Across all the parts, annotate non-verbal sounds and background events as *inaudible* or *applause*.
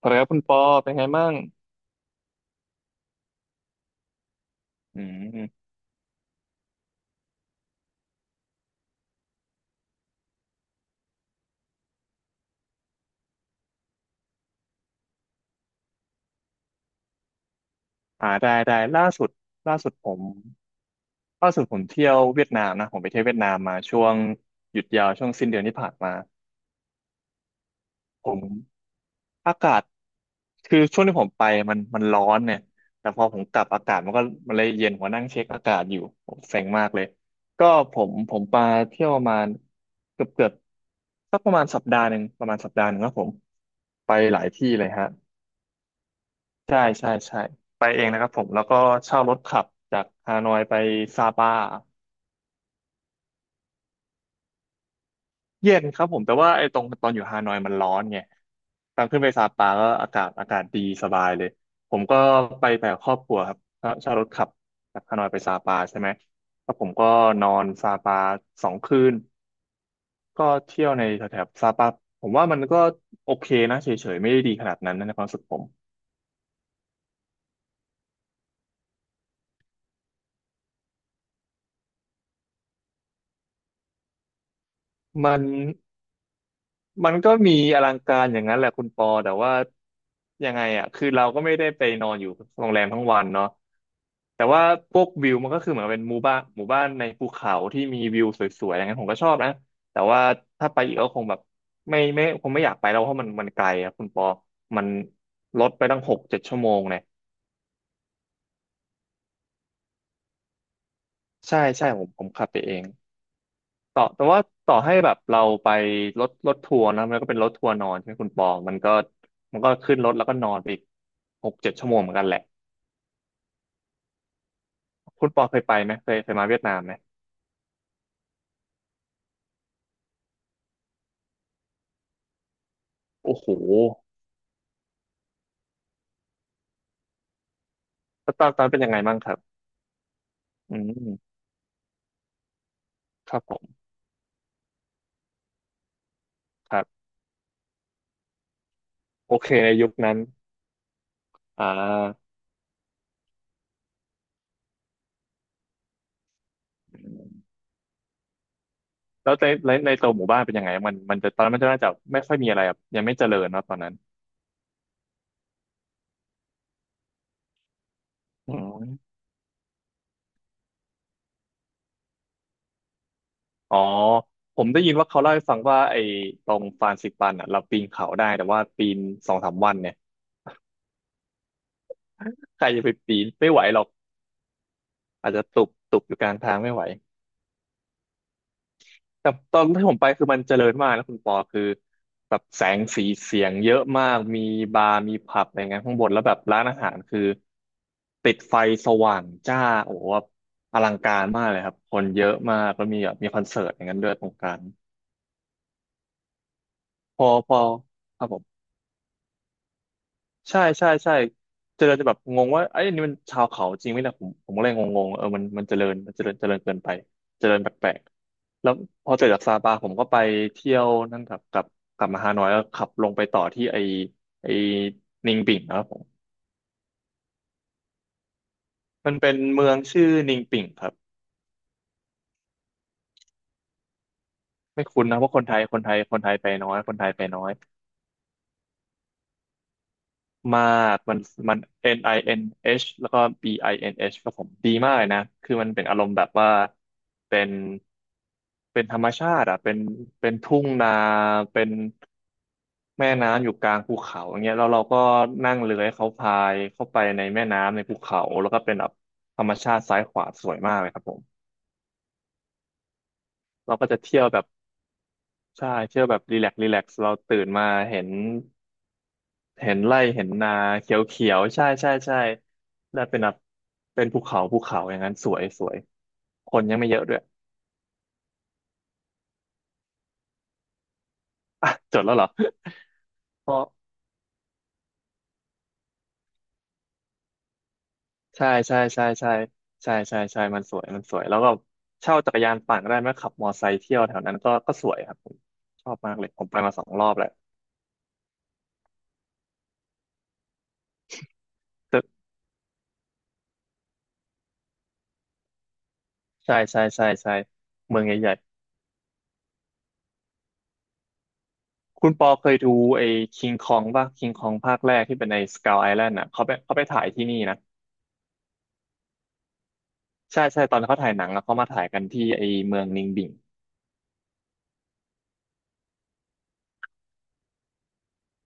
สวัสดีครับคุณปอเป็นไงบ้างอืมได้ได้ล่าสุดผมล่าสุดผมเที่ยวเวียดนามนะผมไปเที่ยวเวียดนามมาช่วงหยุดยาวช่วงสิ้นเดือนที่ผ่านมาผมอากาศคือช่วงที่ผมไปมันร้อนเนี่ยแต่พอผมกลับอากาศมันเลยเย็นผมก็นั่งเช็คอากาศอยู่ผมเซ็งมากเลยก็ผมมาเที่ยวประมาณเกือบสักประมาณสัปดาห์หนึ่งประมาณสัปดาห์หนึ่งครับผมไปหลายที่เลยฮะ ใช่ใช่ใช่ไปเองนะครับผมแล้วก็เช่ารถขับจากฮานอยไปซาปาเย็นครับผมแต่ว่าไอ้ตรงตอนอยู่ฮานอยมันร้อนไงตอนขึ้นไปซาปาก็อากาศดีสบายเลยผมก็ไปแบบครอบครัวครับเช่ารถขับจากฮานอยไปซาปาใช่ไหมแล้วผมก็นอนซาปา2 คืนก็เที่ยวในแถบซาปาผมว่ามันก็โอเคนะเฉยๆไม่ได้ดีขนาดนั้นนะในความรู้สึกผมมัน มันก็มีอลังการอย่างนั้นแหละคุณปอแต่ว่ายังไงอ่ะคือเราก็ไม่ได้ไปนอนอยู่โรงแรมทั้งวันเนาะแต่ว่าพวกวิวมันก็คือเหมือนเป็นหมู่บ้านในภูเขาที่มีวิวสวยๆอย่างนั้นผมก็ชอบนะแต่ว่าถ้าไปอีกก็คงแบบไม่คงไม่อยากไปแล้วเพราะมันไกลอ่ะคุณปอมันรถไปตั้งหกเจ็ดชั่วโมงเนี่ยใช่ใช่ผมขับไปเอง แต่ว่าต่อให้แบบเราไปรถทัวร์นะมันก็เป็นรถทัวร์นอนใช่ไหมคุณปอมันก็ขึ้นรถแล้วก็นอนไปอีกหกเจ็ดชั่วโมงเหมือนกันแหละคุณปอเคยไปไหมเคยมาเวียดนามไหมโอ้โหแล้วตอนเป็นยังไงบ้างครับอืมครับผมครับโอเคในยุคนั้นอ่าแล้วในตัวหมู่บ้านเป็นยังไงมันมันจะตอนนั้นมันจะน่าจะไม่ค่อยมีอะไรอะยังไม่เจริญเนอะตอนนั้นอืมอ๋อผมได้ยินว่าเขาเล่าให้ฟังว่าไอ้ตรงฟรานซิปันอ่ะเราปีนเขาได้แต่ว่าปีนสองสามวันเนี่ย ใครจะไปปีนไม่ไหวหรอกอาจจะตุบตุบอยู่กลางทางไม่ไหวแต่ตอนที่ผมไปคือมันเจริญมากนะคุณปอคือแบบแสงสีเสียงเยอะมากมีบาร์มีผับอะไรเงี้ยข้างบนแล้วแบบร้านอาหารคือติดไฟสว่างจ้าโอ้โหแบบอลังการมากเลยครับคนเยอะมากแล้วมีแบบมีคอนเสิร์ตอย่างนั้นด้วยตรงกลางพอครับผม ใช่ใช่ใช่เจริญจะแบบงงว่าไอ้ยอันนี่มันชาวเขาจริงไหมเนี่ผมก็เลยงงๆเออมันเจริญมันเจริญเจริญเกินไปเจริญแปลกๆแล้วพอเสร็จจากซาปาผมก็ไปเที่ยวนั่นกับกับกลับมาฮานอยแล้วขับลงไปต่อที่ไอไอนิงปิ่งนะครับผมมันเป็นเมืองชื่อนิงปิ่งครับไม่คุ้นนะเพราะคนไทยไปน้อยคนไทยไปน้อย มากมัน NINH แล้วก็ BINH ครับผมดีมากเลยนะคือมันเป็นอารมณ์แบบว่าเป็นเป็นธรรมชาติอ่ะเป็นทุ่งนาเป็นแม่น้ำอยู่กลางภูเขาอย่างเงี้ยแล้วเราก็นั่งเรือให้เขาพายเข้าไปในแม่น้ำในภูเขาแล้วก็เป็นแบบธรรมชาติซ้ายขวาสวยมากเลยครับผมเราก็จะเที่ยวแบบ ใช่เที่ยวแบบรีแลกซ์เราตื่นมาเห็นเห็นไร่เห็นนาเขียวเขียวใช่ใช่ใช่แล้วเป็นแบบเป็นภูเขาอย่างนั้นสวยสวยคนยังไม่เยอะด้วยอ่ะจดแล้วเหรอเพราะใช่ใช่ใช่ใช่ใช่ใช่ใช่มันสวยมันสวยแล้วก็เช่าจักรยานปั่นก็ได้ไหมขับมอไซค์เที่ยวแถวนั้นก็ก็สวยครับผมชอบมากเลยผมไปมา2 รอบแล้วใช่ใช่ใช่ใช่เมืองใหญ่ คุณปอเคยดูไอ้คิงคองป่ะคิงคองภาคแรกที่เป็นในสก u l ไอแลนด์อ่ะเขาไปเขาไปถ่ายที่นี่นะใช่ใช่ตอนเขาถ่ายหนังอะเขามาถ่ายกันที่ไอ้เมืองนิงบิง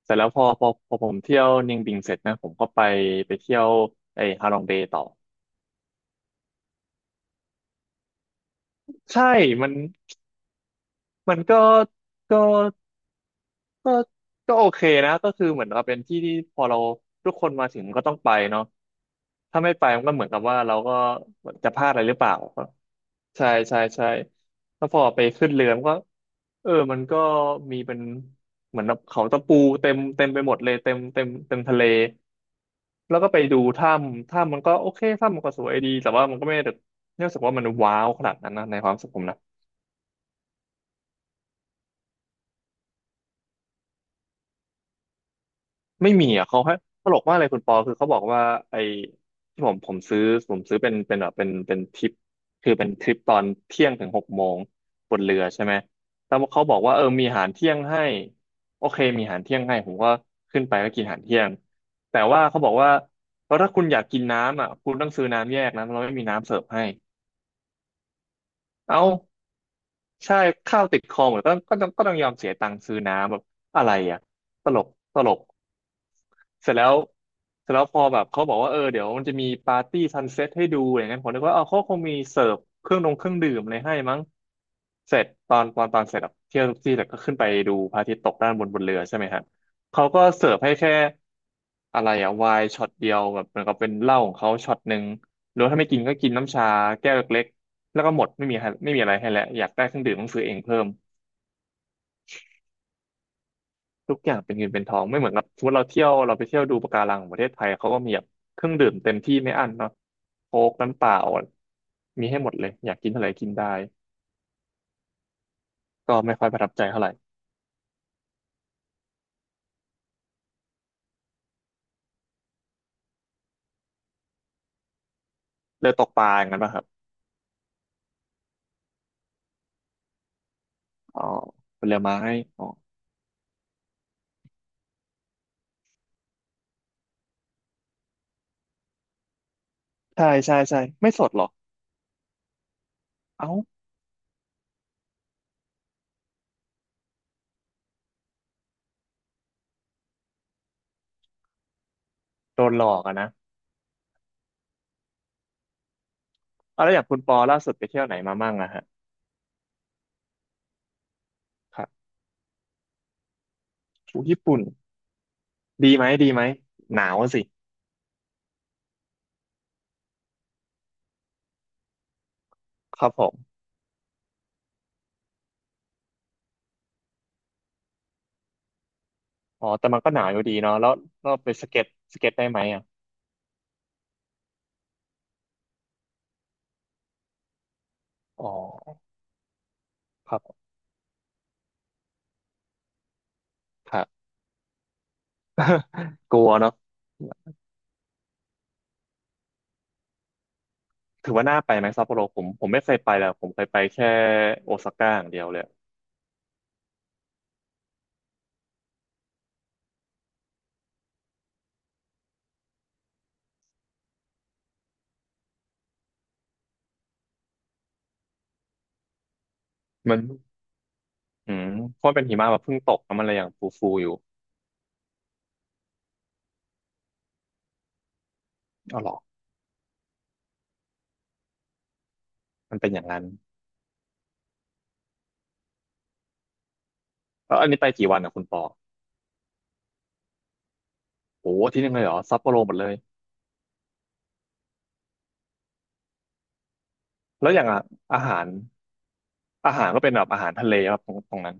เสร็จแล้วพอผมเที่ยวนิงบิงเสร็จนะผมก็ไปเที่ยวไอ้ฮาลองเบย์ต่อใช่มันมันก็ ก็ก็โอเคนะก็คือเหมือนกับเป็นที่ที่พอเราทุกคนมาถึงก็ต้องไปเนาะถ้าไม่ไปมันก็เหมือนกับว่าเราก็จะพลาดอะไรหรือเปล่าใช่ใช่ใช่แล้วพอไปขึ้นเรือมันก็เออมันก็มีเป็นเหมือนเขาตะปูเต็มไปหมดเลยเต็มทะเลแล้วก็ไปดูถ้ำมันก็โอเคถ้ำมันก็สวยดีแต่ว่ามันก็ไม่ได้ไม่รู้สึกว่ามันว้าวขนาดนั้นนะในความรู้สึกผมนะ ไม่มีอ่ะเขาให้ตลกมากเลยคุณปอคือเขาบอกว่าไอ้ที่ผมซื้อผมซื้อเป็นแบบเป็นทริปคือเป็นทริปตอนเที่ยงถึงหกโมงบนเรือใช่ไหมแล้วเขาบอกว่าเออมีอาหารเที่ยงให้โอเคมีอาหารเที่ยงให้ผมก็ขึ้นไปก็กินอาหารเที่ยงแต่ว่าเขาบอกว่าเพราะถ้าคุณอยากกินน้ำอ่ะคุณต้องซื้อน้ำแยกนะเราไม่มีน้ำเสิร์ฟให้เอ้า ใช่ข้าวติดคอหมดก็ต้องยอมเสียตังค์ซื้อน้ำแบบอะไรอ่ะตลกตลกเสร็จแล้วเสร็จแล้วพอแบบเขาบอกว่าเออเดี๋ยวมันจะมีปาร์ตี้ซันเซ็ตให้ดูอย่างนั้นผมนึกว่าเอาเขาคงมีเสิร์ฟเครื่องดื่มอะไรให้มั้งเสร็จตอนเสร็จอะเที่ยวที่เสร็จก็ขึ้นไปดูพระอาทิตย์ตกด้านบนบนเรือใช่ไหมฮะเขาก็เสิร์ฟให้แค่อะไรอะไวน์ช็อตเดียวแบบเหมือนกับเป็นเหล้าของเขาช็อตหนึ่งหรือว่าถ้าไม่กินก็กินน้ำชาแก้วเล็ก แล้วก็หมดไม่มีให้ไม่มีอะไรให้แล้วอยากได้เครื่องดื่มต้องซื้อเองเพิ่มทุกอย่างเป็นเงินเป็นทองไม่เหมือนกับสมมติเราเที่ยวเราไปเที่ยวดูปะการังของประเทศไทยเขาก็มีแบบเครื่องดื่มเต็มที่ไม่อั้นเนาะโค้กน้ำเปล่ามีให้หมดเลยอยากกินเท่าไหร่กินได้ก็ไม่ค่อยประทับใจเท่าไหร่เลยตกปลาอย่างนั้นป่ะครับอ๋อผลไม้อ๋อใช่ใช่ใช่ไม่สดหรอกเอ้าโดนหลอกอะนะเอาแล้วอย่างคุณปอล่าสุดไปเที่ยวไหนมามั่งอะฮะครับอู้ญี่ปุ่นดีไหมดีไหมหนาวสิครับผม อ๋อแต่มันก็หนาอยู่ดีเนาะแล้วเราไปสเก็ตสเก็ตได้ไหมอ่ะอ๋อครับครับ *laughs* กลัวเนาะถือว่าน่าไปไหมซัปโปโรผมไม่เคยไปเลยผมเคยไปแค่โอซาก้าอย่างเดียวเลยมันอืมเพราะมันเป็นหิมะแบบเพิ่งตกแล้วมันเลยยังฟูฟูอยู่อ๋อเหรอมันเป็นอย่างนั้นแล้วอันนี้ไปกี่วันอ่ะคุณปอโอ้โหอาที่นึงเลยเหรอซัปโปโรหมดเลยแล้วอย่างอะอาหารอาหารก็เป็นแบบอาหารทะเลครับตรงตรงนั้น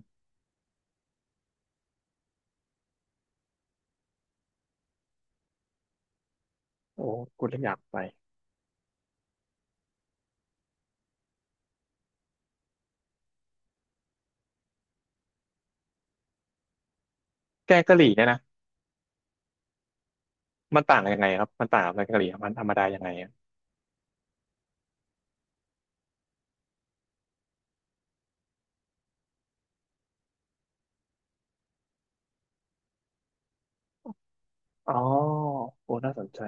โอ้คุณเลยอยากไปแกงกะหรี่เนี่ยนะมันต่างกันยังไงครับมันต่างกับแกงกะหรี่มันธรรมดายังไง อ๋อโอ้ น่าสนใจ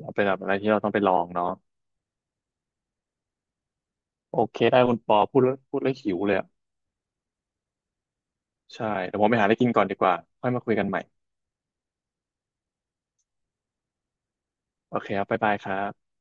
เราเป็นแบบอะไรที่เราต้องไปลองเนาะโอเค ได้คุณปอพูดแล้วพูดแล้วหิวเลยอ่ะใช่เดี๋ยวผมไปหาอะไรกินก่อนดีกว่าค่อยมาคุยกันใหม่ โอเคครับบ๊ายบายครับ